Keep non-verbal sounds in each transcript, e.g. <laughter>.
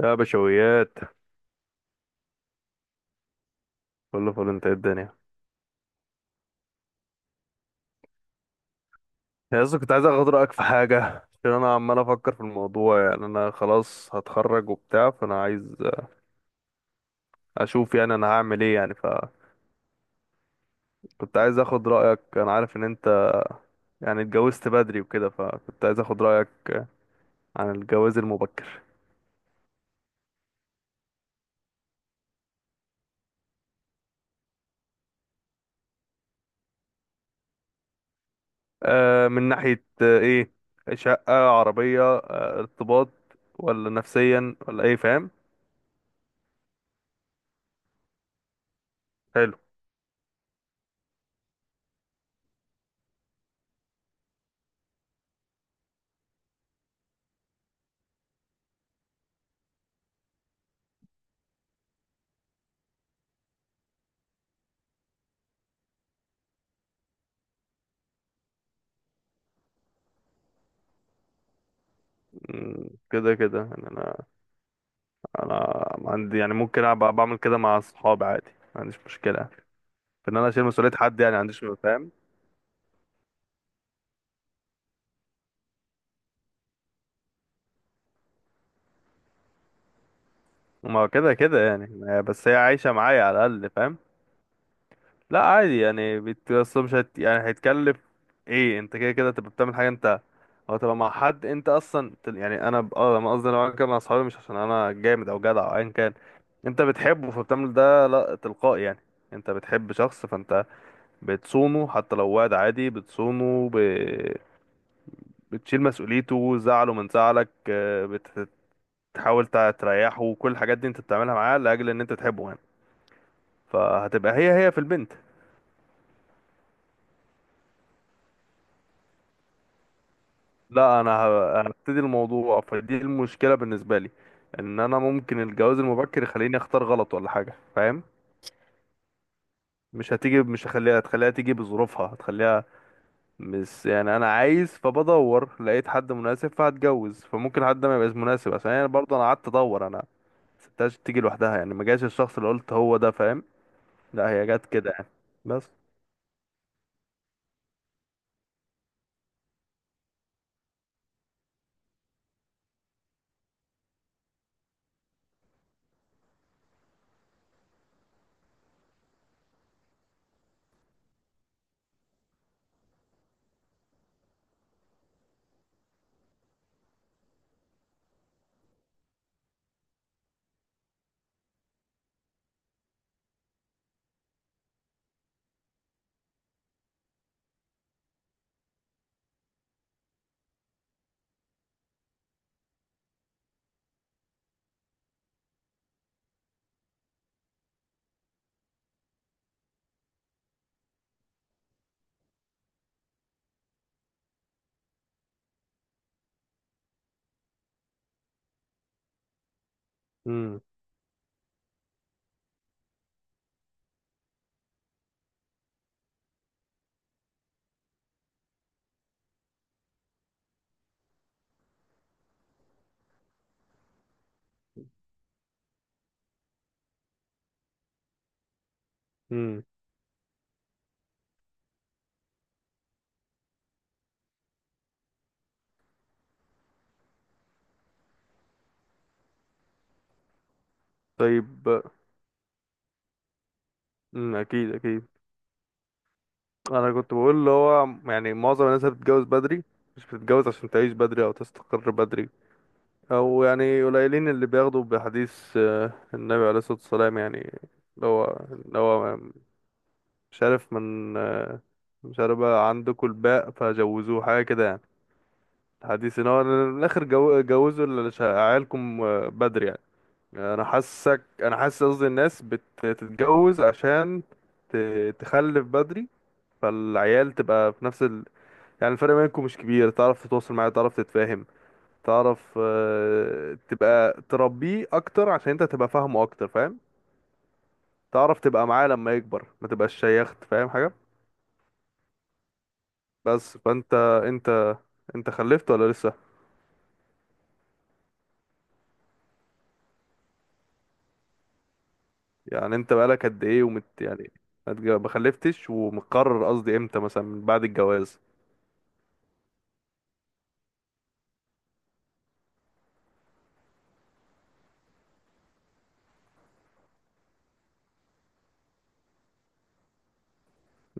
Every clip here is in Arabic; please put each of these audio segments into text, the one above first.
يا بشويات، كله فل. انت ايه الدنيا؟ يا اسطى، كنت عايز اخد رايك في حاجه. عشان انا عمال افكر في الموضوع، يعني انا خلاص هتخرج وبتاع، فانا عايز اشوف يعني انا هعمل ايه يعني. فكنت عايز اخد رايك، انا عارف ان انت يعني اتجوزت بدري وكده، فكنت عايز اخد رايك عن الجواز المبكر. آه، من ناحيه ايه، شقه، عربيه، ارتباط، ولا نفسيا، ولا ايه؟ فاهم؟ حلو. كده كده يعني. انا عندي يعني ممكن أبقى بعمل كده مع اصحابي عادي، ما عنديش مشكله في ان انا اشيل مسؤوليه حد يعني. ما عنديش، فاهم؟ ما هو كده كده يعني، بس هي عايشه معايا على الاقل، فاهم؟ لا عادي يعني، أصل مش يعني هيتكلف. ايه، انت كده كده تبقى بتعمل حاجه انت، او تبقى مع حد انت اصلا يعني. انا انا قصدي لو انا كده مع اصحابي، مش عشان انا جامد او جدع او ايا كان. انت بتحبه، فبتعمل ده لا تلقائي يعني. انت بتحب شخص، فانت بتصونه. حتى لو واد عادي بتصونه، بتشيل مسؤوليته، زعله من زعلك. بتحاول تريحه، كل الحاجات دي انت بتعملها معاه لاجل ان انت تحبه يعني. فهتبقى هي هي في البنت. لا انا هبتدي الموضوع، فدي المشكله بالنسبه لي. ان انا ممكن الجواز المبكر يخليني اختار غلط ولا حاجه، فاهم؟ مش هتيجي، مش هخليها، هتخليها تيجي بظروفها، هتخليها مش يعني انا عايز فبدور لقيت حد مناسب فهتجوز، فممكن حد ما يبقاش مناسب. عشان يعني برضه انا قعدت ادور، انا ما سبتهاش تيجي لوحدها يعني، ما جاش الشخص اللي قلت هو ده، فاهم؟ لا هي جت كده يعني بس. امم. امم. طيب. امم، اكيد اكيد. انا كنت بقول اللي هو، يعني معظم الناس اللي بتتجوز بدري، مش بتتجوز عشان تعيش بدري او تستقر بدري، او يعني قليلين اللي بياخدوا بحديث النبي عليه الصلاة والسلام يعني. اللي هو اللي هو مش عارف من مش عارف بقى عندكم الباء فجوزوه حاجة كده يعني. حديث ان هو من الاخر جوزوا عيالكم بدري يعني. انا حاسس قصدي الناس بتتجوز عشان تخلف بدري. فالعيال تبقى في نفس يعني الفرق بينكم مش كبير، تعرف تتواصل معاه، تعرف تتفاهم، تعرف تبقى تربيه اكتر عشان انت تبقى فاهمه اكتر، فاهم؟ تعرف تبقى معاه لما يكبر، ما تبقاش شيخت، فاهم حاجة؟ بس، فانت انت انت خلفت ولا لسه؟ يعني انت بقالك قد ايه ومت يعني؟ ما خلفتش، ومقرر قصدي امتى مثلا من بعد الجواز؟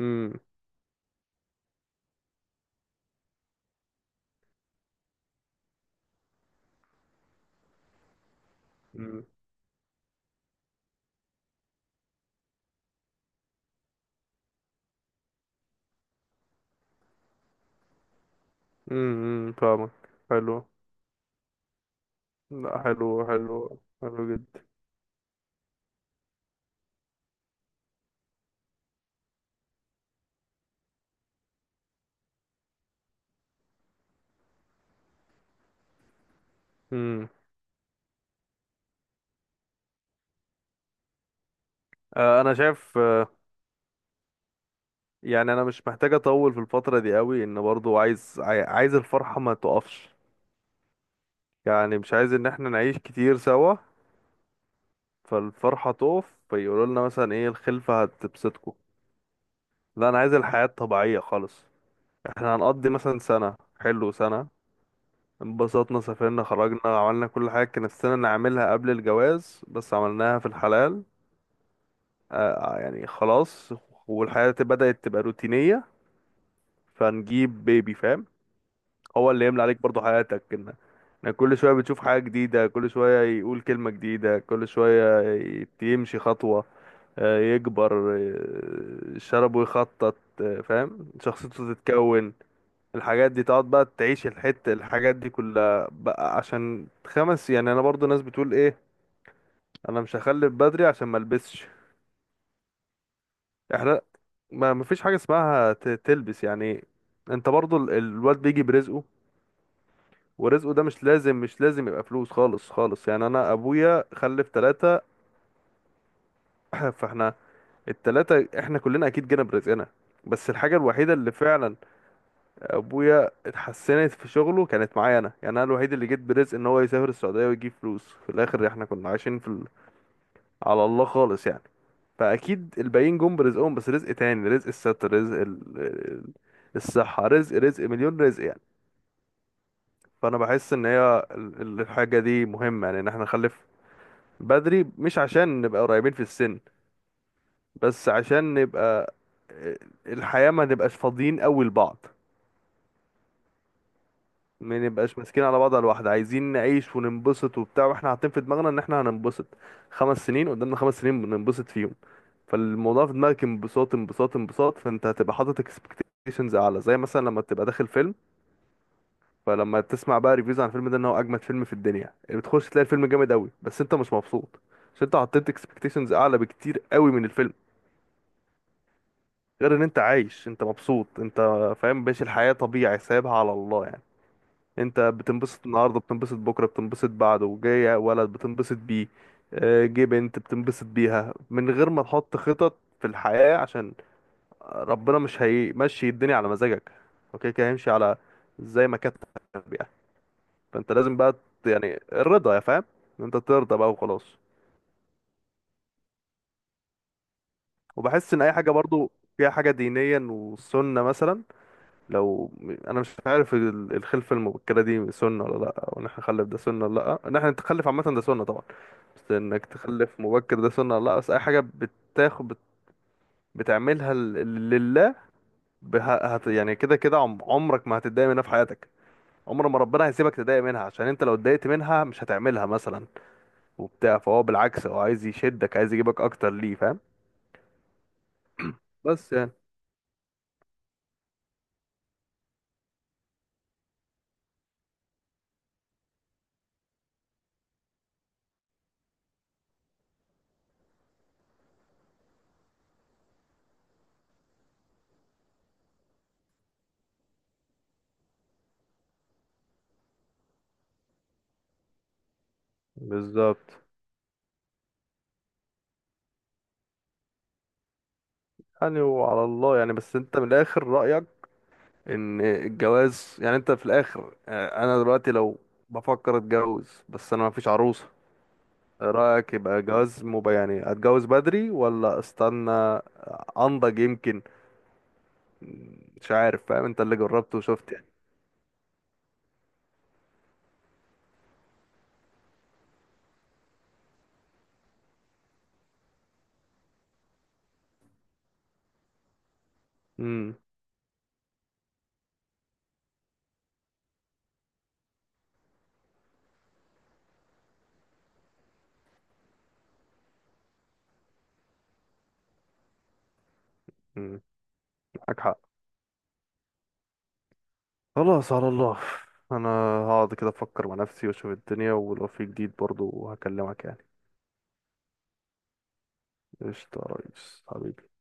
امم. امم. فاهمك. حلو. لا، حلو حلو حلو جدا. امم. آه، انا شايف. يعني انا مش محتاج اطول في الفتره دي قوي، ان برضو عايز عايز الفرحه ما تقفش. يعني مش عايز ان احنا نعيش كتير سوا فالفرحه تقف، فيقولوا لنا مثلا ايه، الخلفه هتبسطكم؟ لا انا عايز الحياه الطبيعيه خالص. احنا هنقضي مثلا سنه، حلو، سنه انبسطنا، سافرنا، خرجنا، عملنا كل حاجه كان نفسنا نعملها قبل الجواز بس عملناها في الحلال. يعني خلاص، والحياة بدأت تبقى روتينية، فنجيب بيبي، فاهم؟ هو اللي يملى عليك برضو حياتك، ان انك كل شوية بتشوف حاجة جديدة، كل شوية يقول كلمة جديدة، كل شوية يمشي خطوة، يكبر، شربه، يخطط، فاهم، شخصيته تتكون. الحاجات دي تقعد بقى تعيش الحتة، الحاجات دي كلها بقى. عشان خمس يعني، انا برضو ناس بتقول ايه، انا مش هخلف بدري عشان ملبسش. احنا، ما مفيش حاجة اسمها تلبس يعني. انت برضو الواد بيجي برزقه. ورزقه ده مش لازم مش لازم يبقى فلوس، خالص خالص يعني. انا ابويا خلف ثلاثة. <clears throat> فاحنا التلاتة، احنا كلنا اكيد جينا برزقنا. بس الحاجة الوحيدة اللي فعلا ابويا اتحسنت في شغله كانت معايا انا يعني، انا الوحيد اللي جيت برزق ان هو يسافر السعودية ويجيب فلوس. في الاخر احنا كنا عايشين في على الله خالص يعني. فاكيد الباقيين جم برزقهم بس رزق تاني، رزق الستر، رزق الصحة، رزق، رزق مليون رزق يعني. فانا بحس ان هي الحاجة دي مهمة يعني، ان احنا نخلف بدري مش عشان نبقى قريبين في السن، بس عشان نبقى آه، الحياة ما نبقاش فاضيين قوي لبعض. ما نبقاش ماسكين على بعض على الواحدة. عايزين نعيش وننبسط وبتاع، واحنا حاطين في دماغنا ان احنا هننبسط. 5 سنين قدامنا، 5 سنين بننبسط فيهم. فالموضوع في دماغك انبساط، انبساط، انبساط. فانت هتبقى حاطط اكسبكتيشنز اعلى، زي مثلا لما تبقى داخل فيلم. فلما تسمع بقى ريفيوز عن الفيلم ده ان هو اجمد فيلم في الدنيا، اللي بتخش تلاقي الفيلم جامد قوي بس انت مش مبسوط، عشان انت حطيت اكسبكتيشنز اعلى بكتير قوي من الفيلم. غير ان انت عايش، انت مبسوط، انت فاهم، ماشي الحياة طبيعي سايبها على الله يعني. انت بتنبسط النهارده، بتنبسط بكره، بتنبسط بعده. جاي ولد بتنبسط بيه، جه بنت بتنبسط بيها، من غير ما تحط خطط في الحياة. عشان ربنا مش هيمشي الدنيا على مزاجك. اوكي كده هيمشي على زي ما كانت يعني. فانت لازم بقى يعني الرضا، يا فاهم، ان انت ترضى بقى وخلاص. وبحس ان اي حاجه برضو فيها حاجه دينيا وسنه مثلا. لو انا مش عارف الخلفه المبكره دي سنه ولا لا، وان احنا نخلف ده سنه ولا لا، ان احنا نتخلف عامه ده سنه طبعا، بس انك تخلف مبكر ده سنه ولا لا. بس اي حاجه بتاخد بتعملها لله. بها يعني كده كده عمرك ما هتتضايق منها في حياتك. عمر ما ربنا هيسيبك تضايق منها، عشان انت لو اتضايقت منها مش هتعملها مثلا وبتاع. فهو بالعكس، هو عايز يشدك، عايز يجيبك اكتر ليه، فاهم؟ بس يعني. بالظبط يعني، وعلى الله يعني. بس انت من الاخر، رأيك ان الجواز يعني انت في الاخر. انا دلوقتي لو بفكر اتجوز بس انا مفيش عروسة. رأيك، يبقى جواز يعني اتجوز بدري ولا استنى انضج يمكن؟ مش عارف، فاهم؟ انت اللي جربته وشفت يعني. امم. امم. معاك حق. خلاص، على الله. انا هقعد كده افكر مع نفسي واشوف الدنيا ولو في جديد برضو هكلمك يعني. قشطة يا ريس، حبيبي.